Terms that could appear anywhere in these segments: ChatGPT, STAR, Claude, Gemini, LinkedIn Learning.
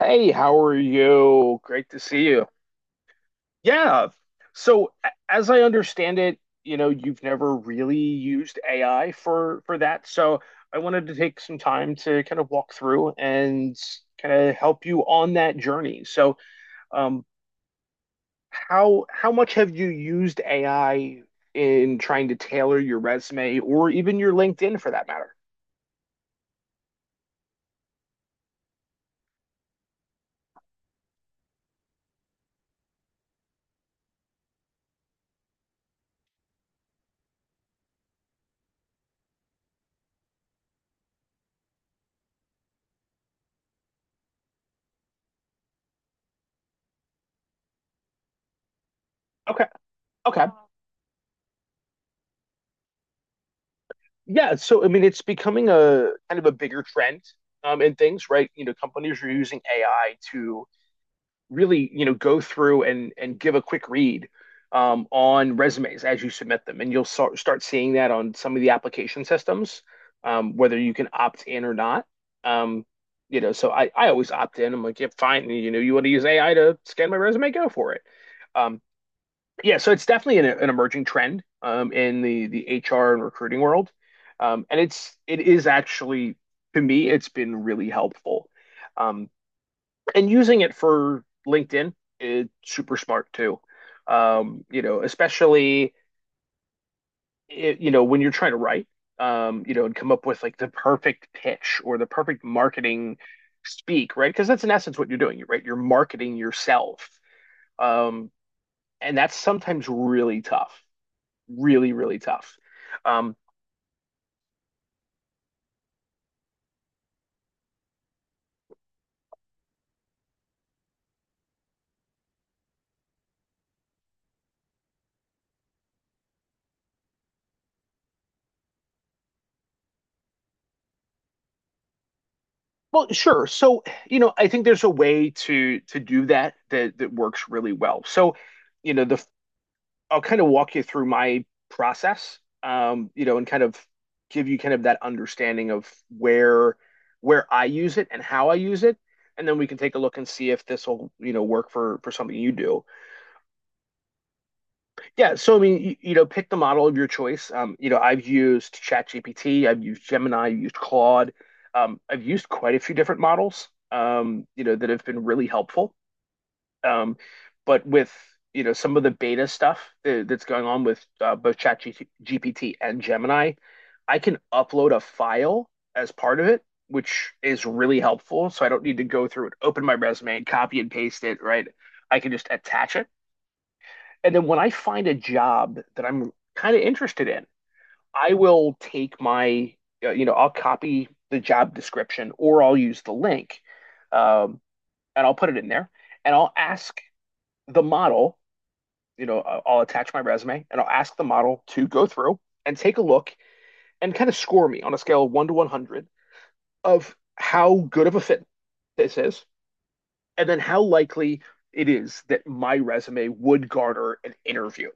Hey, how are you? Great to see you. Yeah. As I understand it, you know, you've never really used AI for that. So, I wanted to take some time to kind of walk through and kind of help you on that journey. Um, how much have you used AI in trying to tailor your resume or even your LinkedIn for that matter? Okay. Okay. Yeah, so I mean, it's becoming a kind of a bigger trend, in things, right? You know, companies are using AI to really, you know, go through and give a quick read, on resumes as you submit them, and you'll start seeing that on some of the application systems, whether you can opt in or not. Um, you know, so I always opt in. I'm like, yeah, fine. You know, you want to use AI to scan my resume, go for it. Um, yeah, so it's definitely an emerging trend, in the HR and recruiting world, and it is actually, to me, it's been really helpful, um, and using it for LinkedIn is super smart too. You know, especially I you know, when you're trying to write, you know, and come up with like the perfect pitch or the perfect marketing speak, right? Because that's in essence what you're doing, right? You're marketing yourself, um, and that's sometimes really tough. Really, really tough. Um, well, sure. So, you know, I think there's a way to do that that works really well. So, you know, the I'll kind of walk you through my process, you know, and kind of give you kind of that understanding of where where I use it and how I use it, and then we can take a look and see if this will, you know, work for something you do. Yeah, so I mean, you know, pick the model of your choice. You know, I've used ChatGPT, I've used Gemini, I've used Claude. I've used quite a few different models, you know, that have been really helpful. Um, but with, you know, some of the beta stuff that's going on with both ChatGPT and Gemini, I can upload a file as part of it, which is really helpful. So I don't need to go through and open my resume and copy and paste it, right? I can just attach it, and then when I find a job that I'm kind of interested in, I will take my, you know, I'll copy the job description or I'll use the link, um, and I'll put it in there and I'll ask the model, you know, I'll attach my resume and I'll ask the model to go through and take a look and kind of score me on a scale of one to 100 of how good of a fit this is, and then how likely it is that my resume would garner an interview.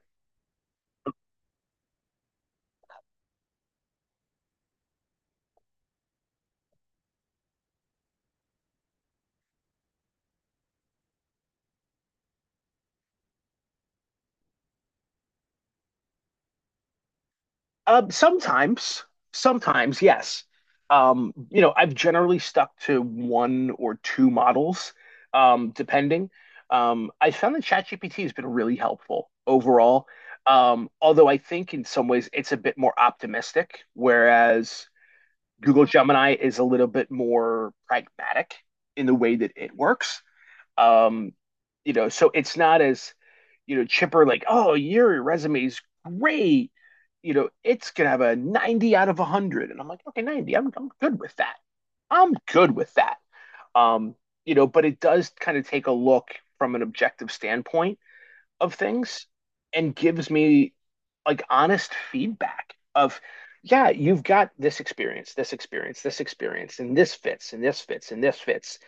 Um, sometimes, sometimes, yes. You know, I've generally stuck to one or two models, depending. I found that ChatGPT has been really helpful overall. Although I think in some ways it's a bit more optimistic, whereas Google Gemini is a little bit more pragmatic in the way that it works. Um, you know, so it's not as, you know, chipper like, oh, your resume is great. You know, it's gonna have a 90 out of 100. And I'm like, okay, 90. I'm good with that. I'm good with that. Um, you know, but it does kind of take a look from an objective standpoint of things, and gives me like honest feedback of, yeah, you've got this experience, this experience, this experience, and this fits, and this fits, and this fits.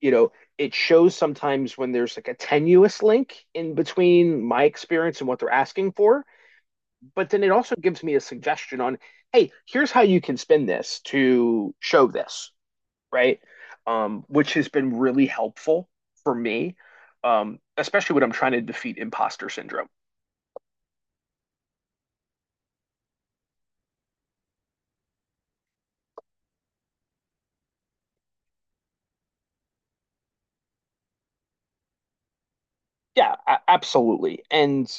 You know, it shows sometimes when there's like a tenuous link in between my experience and what they're asking for. But then it also gives me a suggestion on, hey, here's how you can spin this to show this, right? Which has been really helpful for me, especially when I'm trying to defeat imposter syndrome. Absolutely. And,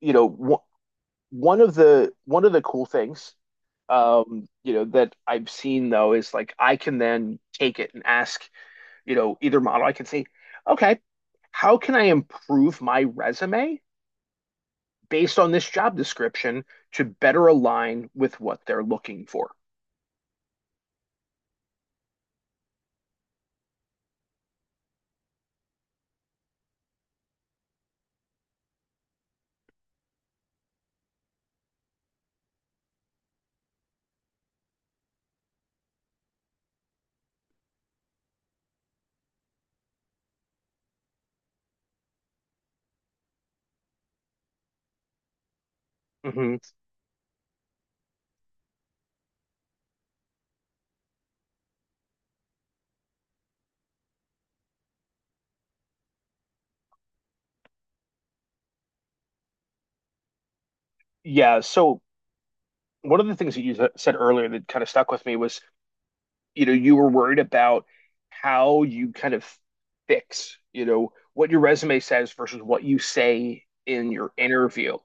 you know, wh- One of the cool things, you know, that I've seen though is, like, I can then take it and ask, you know, either model. I can say, okay, how can I improve my resume based on this job description to better align with what they're looking for? Hmm. Yeah. So one of the things that you said earlier that kind of stuck with me was, you know, you were worried about how you kind of fix, you know, what your resume says versus what you say in your interview.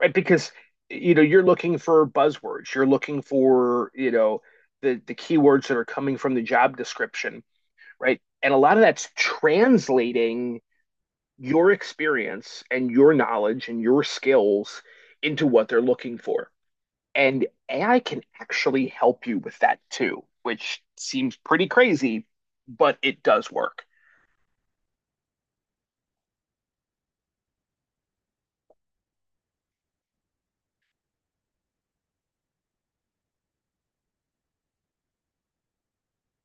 Right? Because you know you're looking for buzzwords, you're looking for, you know, the keywords that are coming from the job description, right? And a lot of that's translating your experience and your knowledge and your skills into what they're looking for. And AI can actually help you with that too, which seems pretty crazy, but it does work.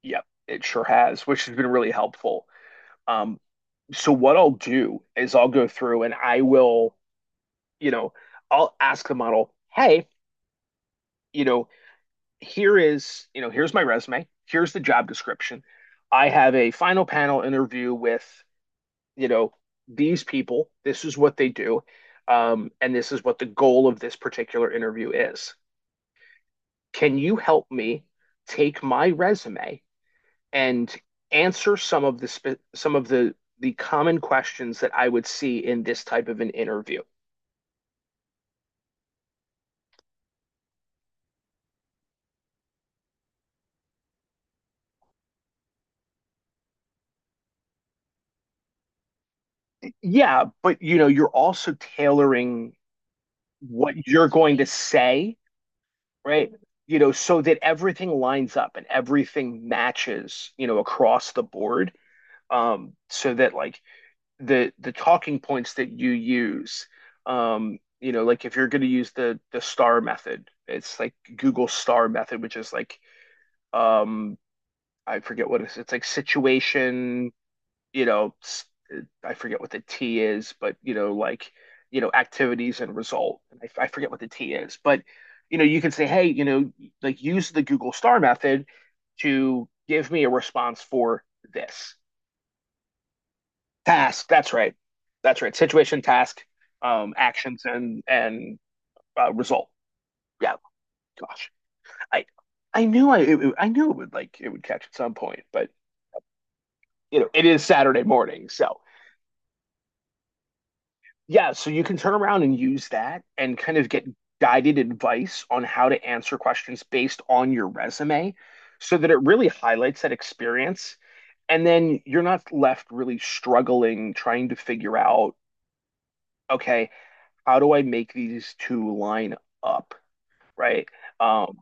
Yep, it sure has, which has been really helpful. Um, so what I'll do is I'll go through and I will, you know, I'll ask the model, hey, you know, here is, you know, here's my resume, here's the job description. I have a final panel interview with, you know, these people. This is what they do. And this is what the goal of this particular interview is. Can you help me take my resume and answer some of the common questions that I would see in this type of an interview? Yeah, but you know, you're also tailoring what you're going to say, right? You know, so that everything lines up and everything matches, you know, across the board. So that, like, the talking points that you use, you know, like, if you're going to use the star method, it's like Google star method, which is like, um, I forget what it is. It's like situation, you know, I forget what the T is, but you know, like, you know, activities and result. And I forget what the T is, but, you know, you can say, hey, you know, like, use the Google Star method to give me a response for this task. That's right. That's right. Situation, task, actions, and result. Yeah. Gosh, I I knew I knew it would, like, it would catch at some point, but, you know, it is Saturday morning, so. Yeah, so you can turn around and use that and kind of get guided advice on how to answer questions based on your resume, so that it really highlights that experience. And then you're not left really struggling, trying to figure out, okay, how do I make these two line up? Right? Um,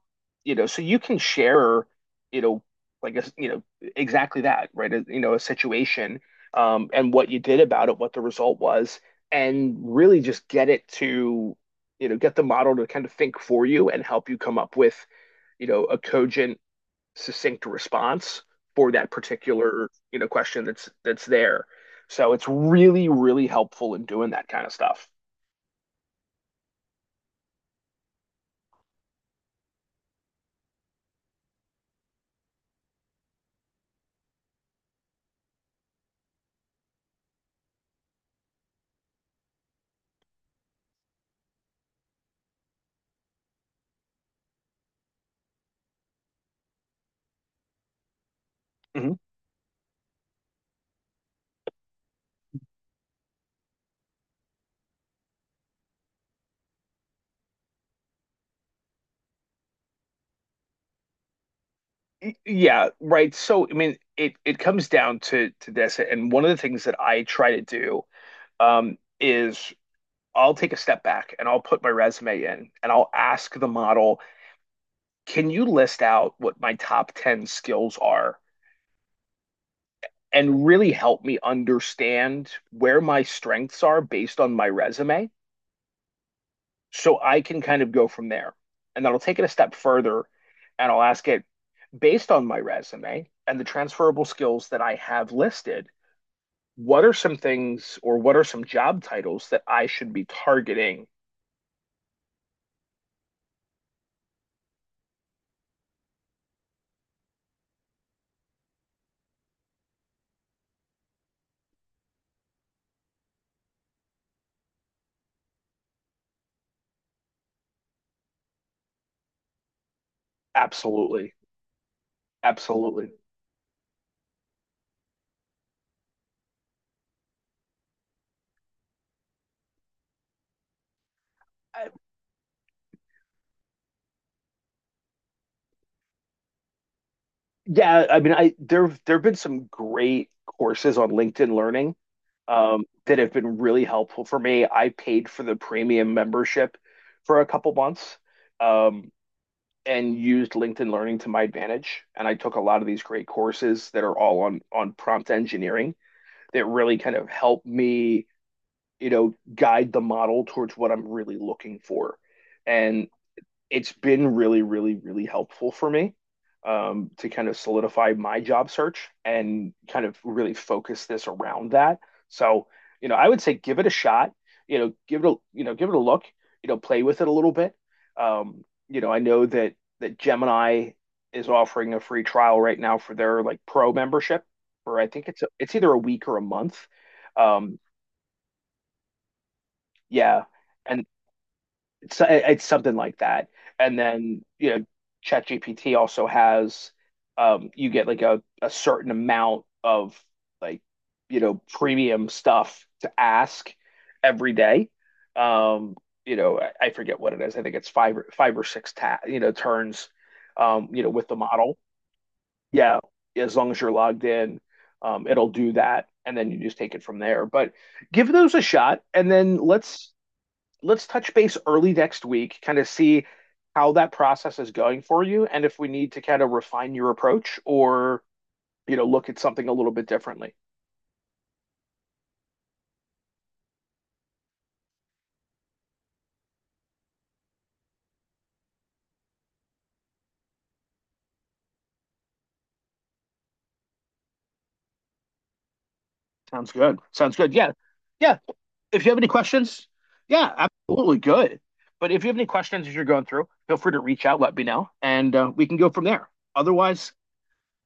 you know, so you can share, you know, like a, you know, exactly that, right? A, you know, a situation, and what you did about it, what the result was, and really just get it to, you know, get the model to kind of think for you and help you come up with, you know, a cogent, succinct response for that particular, you know, question that's there. So it's really, really helpful in doing that kind of stuff. Mhm. Yeah, right. So, I mean, it comes down to this, and one of the things that I try to do, is I'll take a step back and I'll put my resume in and I'll ask the model, can you list out what my top 10 skills are, and really help me understand where my strengths are based on my resume, so I can kind of go from there. And then I'll take it a step further and I'll ask it, based on my resume and the transferable skills that I have listed, what are some things, or what are some job titles that I should be targeting? Absolutely. Absolutely. I, yeah, I mean, I there there've been some great courses on LinkedIn Learning, that have been really helpful for me. I paid for the premium membership for a couple months, um, and used LinkedIn Learning to my advantage. And I took a lot of these great courses that are all on prompt engineering that really kind of helped me, you know, guide the model towards what I'm really looking for. And it's been really, really, really helpful for me, to kind of solidify my job search and kind of really focus this around that. So, you know, I would say give it a shot. You know, give it a, you know, give it a look. You know, play with it a little bit. You know, I know that Gemini is offering a free trial right now for their like pro membership, or I think it's a, it's either a week or a month. Um, yeah, and it's something like that. And then, you know, ChatGPT also has, you get like a certain amount of like, you know, premium stuff to ask every day. Um, you know, I forget what it is. I think it's five or five or six ta you know turns. You know, with the model, yeah. As long as you're logged in, it'll do that, and then you just take it from there. But give those a shot, and then let's touch base early next week, kind of see how that process is going for you and if we need to kind of refine your approach or, you know, look at something a little bit differently. Sounds good. Sounds good. Yeah. Yeah. If you have any questions, yeah, absolutely good. But if you have any questions as you're going through, feel free to reach out, let me know, and we can go from there. Otherwise,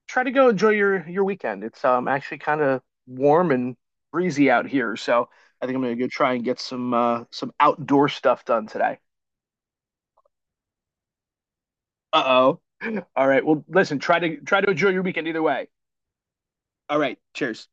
try to go enjoy your weekend. It's actually kind of warm and breezy out here, so I think I'm gonna go try and get some outdoor stuff done today. Uh oh. All right. Well, listen. Try to enjoy your weekend either way. All right. Cheers.